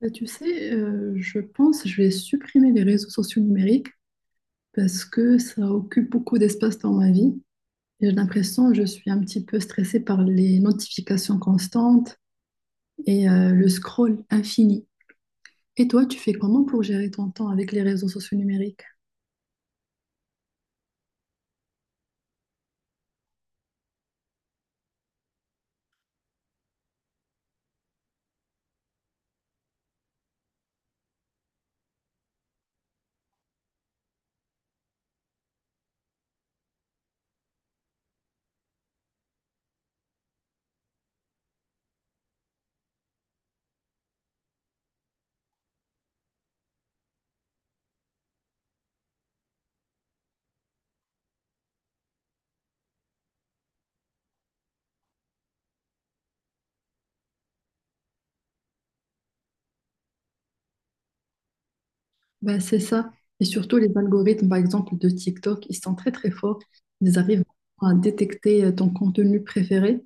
Je pense que je vais supprimer les réseaux sociaux numériques parce que ça occupe beaucoup d'espace dans ma vie. Et j'ai l'impression que je suis un petit peu stressée par les notifications constantes et le scroll infini. Et toi, tu fais comment pour gérer ton temps avec les réseaux sociaux numériques? Bah, c'est ça. Et surtout les algorithmes, par exemple, de TikTok, ils sont très très forts. Ils arrivent à détecter ton contenu préféré.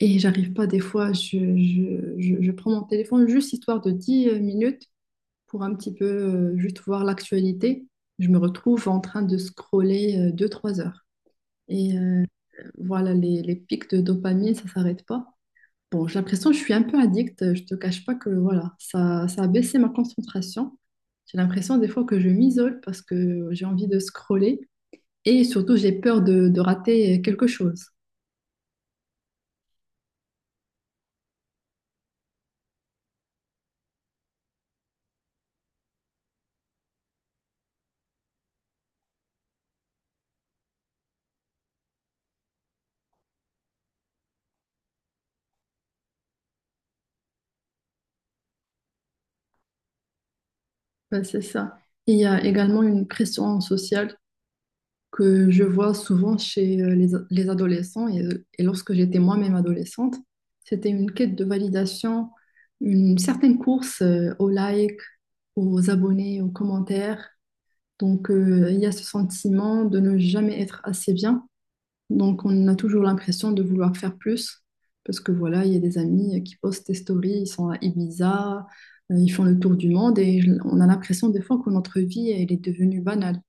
Et j'arrive pas, des fois, je prends mon téléphone juste histoire de 10 minutes pour un petit peu juste voir l'actualité. Je me retrouve en train de scroller deux trois heures. Et euh, voilà, les pics de dopamine, ça s'arrête pas. Bon, j'ai l'impression que je suis un peu addict. Je te cache pas que voilà, ça a baissé ma concentration. J'ai l'impression des fois que je m'isole parce que j'ai envie de scroller et surtout j'ai peur de rater quelque chose. Ben, c'est ça. Il y a également une pression sociale que je vois souvent chez les adolescents et lorsque j'étais moi-même adolescente, c'était une quête de validation, une certaine course aux likes, aux abonnés, aux commentaires. Donc il y a ce sentiment de ne jamais être assez bien. Donc on a toujours l'impression de vouloir faire plus parce que voilà, il y a des amis qui postent des stories, ils sont à Ibiza, ils font le tour du monde et on a l'impression des fois que notre vie elle est devenue banale.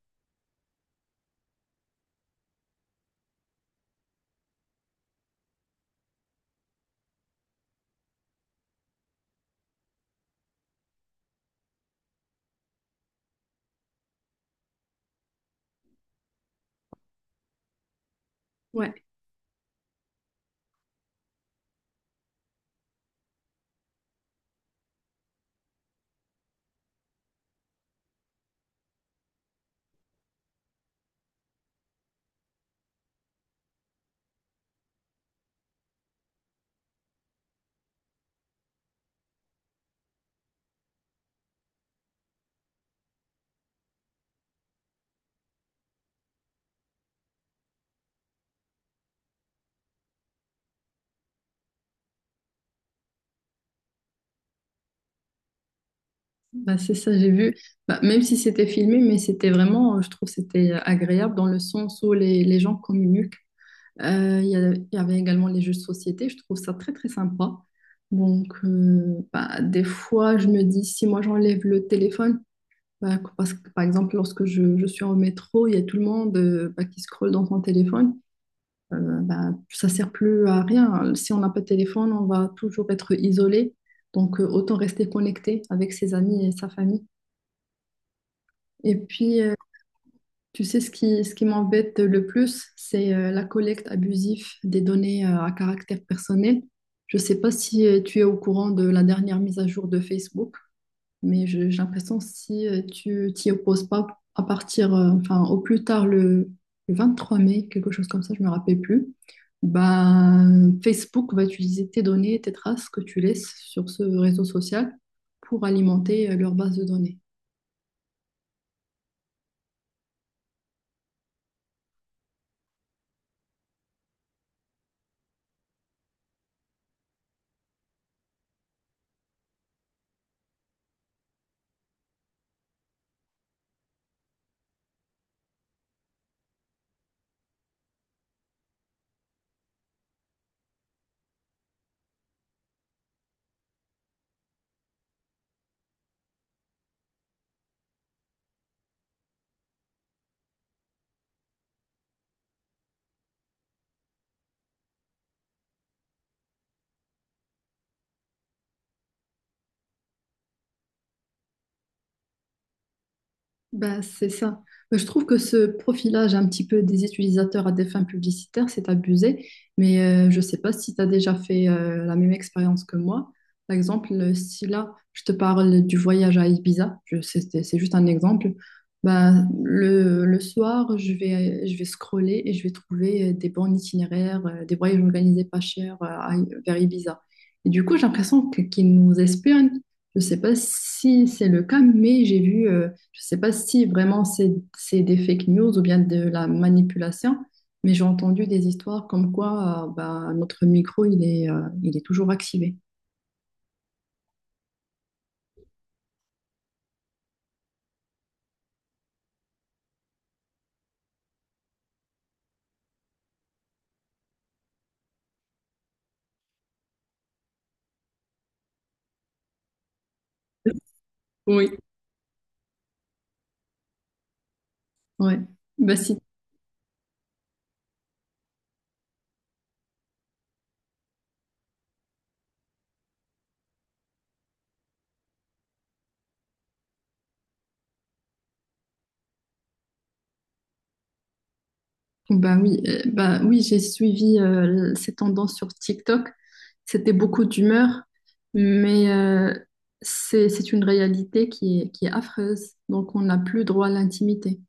Ouais. Bah, c'est ça, j'ai vu. Bah, même si c'était filmé, mais c'était vraiment, je trouve, c'était agréable dans le sens où les gens communiquent. Il il y avait également les jeux de société, je trouve ça très, très sympa. Donc, bah, des fois, je me dis, si moi j'enlève le téléphone, bah, parce que par exemple, lorsque je suis en métro, il y a tout le monde bah, qui scrolle dans son téléphone. Bah, ça sert plus à rien. Si on n'a pas de téléphone, on va toujours être isolé. Donc, autant rester connecté avec ses amis et sa famille. Et puis, tu sais, ce qui m'embête le plus, c'est la collecte abusive des données à caractère personnel. Je ne sais pas si tu es au courant de la dernière mise à jour de Facebook, mais j'ai l'impression que si tu t'y opposes pas à partir, enfin, au plus tard le 23 mai, quelque chose comme ça, je me rappelle plus, ben, Facebook va utiliser tes données, tes traces que tu laisses sur ce réseau social pour alimenter leur base de données. Ben, c'est ça. Bah, je trouve que ce profilage un petit peu des utilisateurs à des fins publicitaires, c'est abusé, mais je ne sais pas si tu as déjà fait la même expérience que moi. Par exemple, si là, je te parle du voyage à Ibiza, c'est juste un exemple, ben, le soir, je vais scroller et je vais trouver des bons itinéraires, des voyages organisés pas chers vers Ibiza. Et du coup, j'ai l'impression qu'ils nous espionnent. Je ne sais pas si c'est le cas, mais j'ai vu je ne sais pas si vraiment c'est des fake news ou bien de la manipulation, mais j'ai entendu des histoires comme quoi bah, notre micro, il est toujours activé. Oui, ouais. Bah, si, bah oui, j'ai suivi ces tendances sur TikTok. C'était beaucoup d'humeur, mais c'est une réalité qui est affreuse. Donc, on n'a plus droit à l'intimité.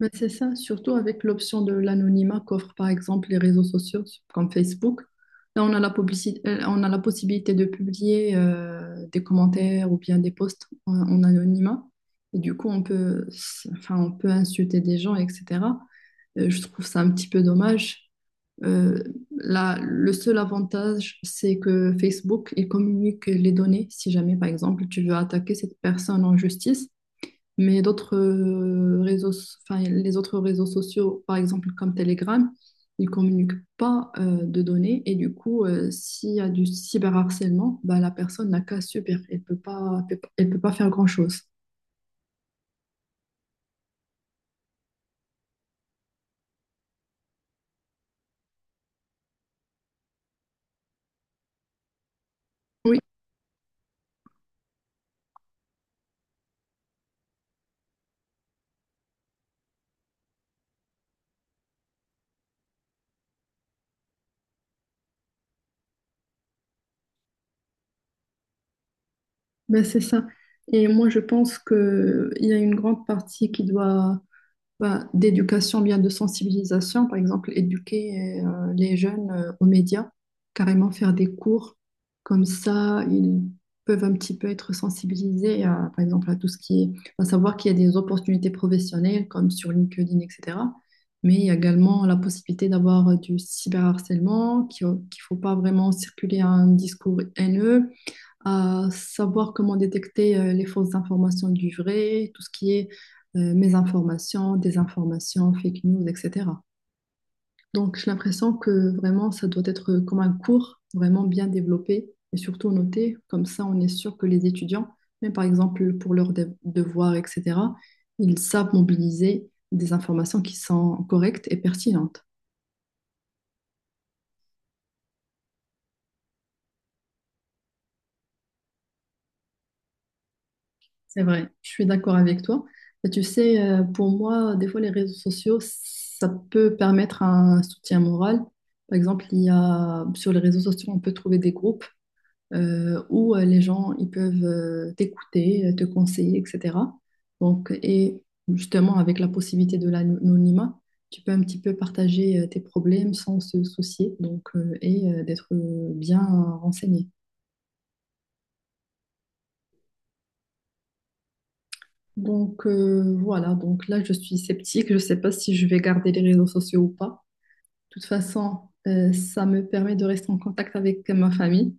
Mais c'est ça, surtout avec l'option de l'anonymat qu'offrent par exemple les réseaux sociaux comme Facebook. Là, on a la on a la possibilité de publier des commentaires ou bien des posts en anonymat. Et du coup, on peut, enfin, on peut insulter des gens, etc. Je trouve ça un petit peu dommage. Euh, Là, le seul avantage, c'est que Facebook, il communique les données. Si jamais, par exemple, tu veux attaquer cette personne en justice, mais d'autres enfin, les autres réseaux sociaux, par exemple comme Telegram, ils communiquent pas de données et du coup, s'il y a du cyberharcèlement, bah, la personne n'a qu'à subir. Elle peut pas faire grand-chose. Oui, ben c'est ça. Et moi, je pense qu'il y a une grande partie qui doit ben, d'éducation, bien de sensibilisation, par exemple, éduquer les jeunes aux médias, carrément faire des cours, comme ça, ils peuvent un petit peu être sensibilisés, à, par exemple, à tout ce qui est, à savoir qu'il y a des opportunités professionnelles, comme sur LinkedIn, etc. Mais il y a également la possibilité d'avoir du cyberharcèlement, qu'il ne faut pas vraiment circuler un discours haineux, à savoir comment détecter les fausses informations du vrai, tout ce qui est mésinformation, désinformation, fake news, etc. Donc, j'ai l'impression que vraiment, ça doit être comme un cours vraiment bien développé et surtout noté. Comme ça, on est sûr que les étudiants, même par exemple pour leurs devoirs, etc., ils savent mobiliser des informations qui sont correctes et pertinentes. C'est vrai, je suis d'accord avec toi. Et tu sais, pour moi, des fois, les réseaux sociaux, ça peut permettre un soutien moral. Par exemple, il y a, sur les réseaux sociaux, on peut trouver des groupes où les gens ils peuvent t'écouter, te conseiller, etc. Donc, et justement, avec la possibilité de l'anonymat, tu peux un petit peu partager tes problèmes sans se soucier donc, d'être bien renseigné. Donc voilà, donc là je suis sceptique, je ne sais pas si je vais garder les réseaux sociaux ou pas. De toute façon, ça me permet de rester en contact avec ma famille.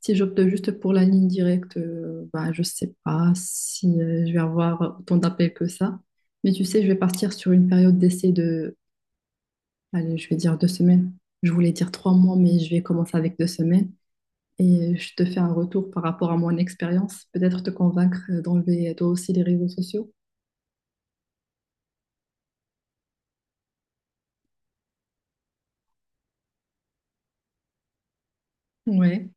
Si j'opte juste pour la ligne directe, bah, je ne sais pas si je vais avoir autant d'appels que ça. Mais tu sais, je vais partir sur une période d'essai de, allez, je vais dire 2 semaines. Je voulais dire 3 mois, mais je vais commencer avec 2 semaines. Et je te fais un retour par rapport à mon expérience. Peut-être te convaincre d'enlever toi aussi les réseaux sociaux. Ouais.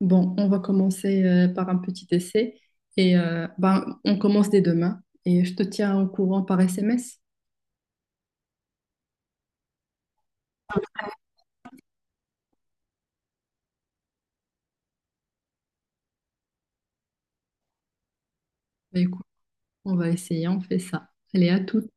Bon, on va commencer par un petit essai et ben, on commence dès demain et je te tiens au courant par SMS. Bah, écoute, on va essayer, on fait ça. Allez, à tout.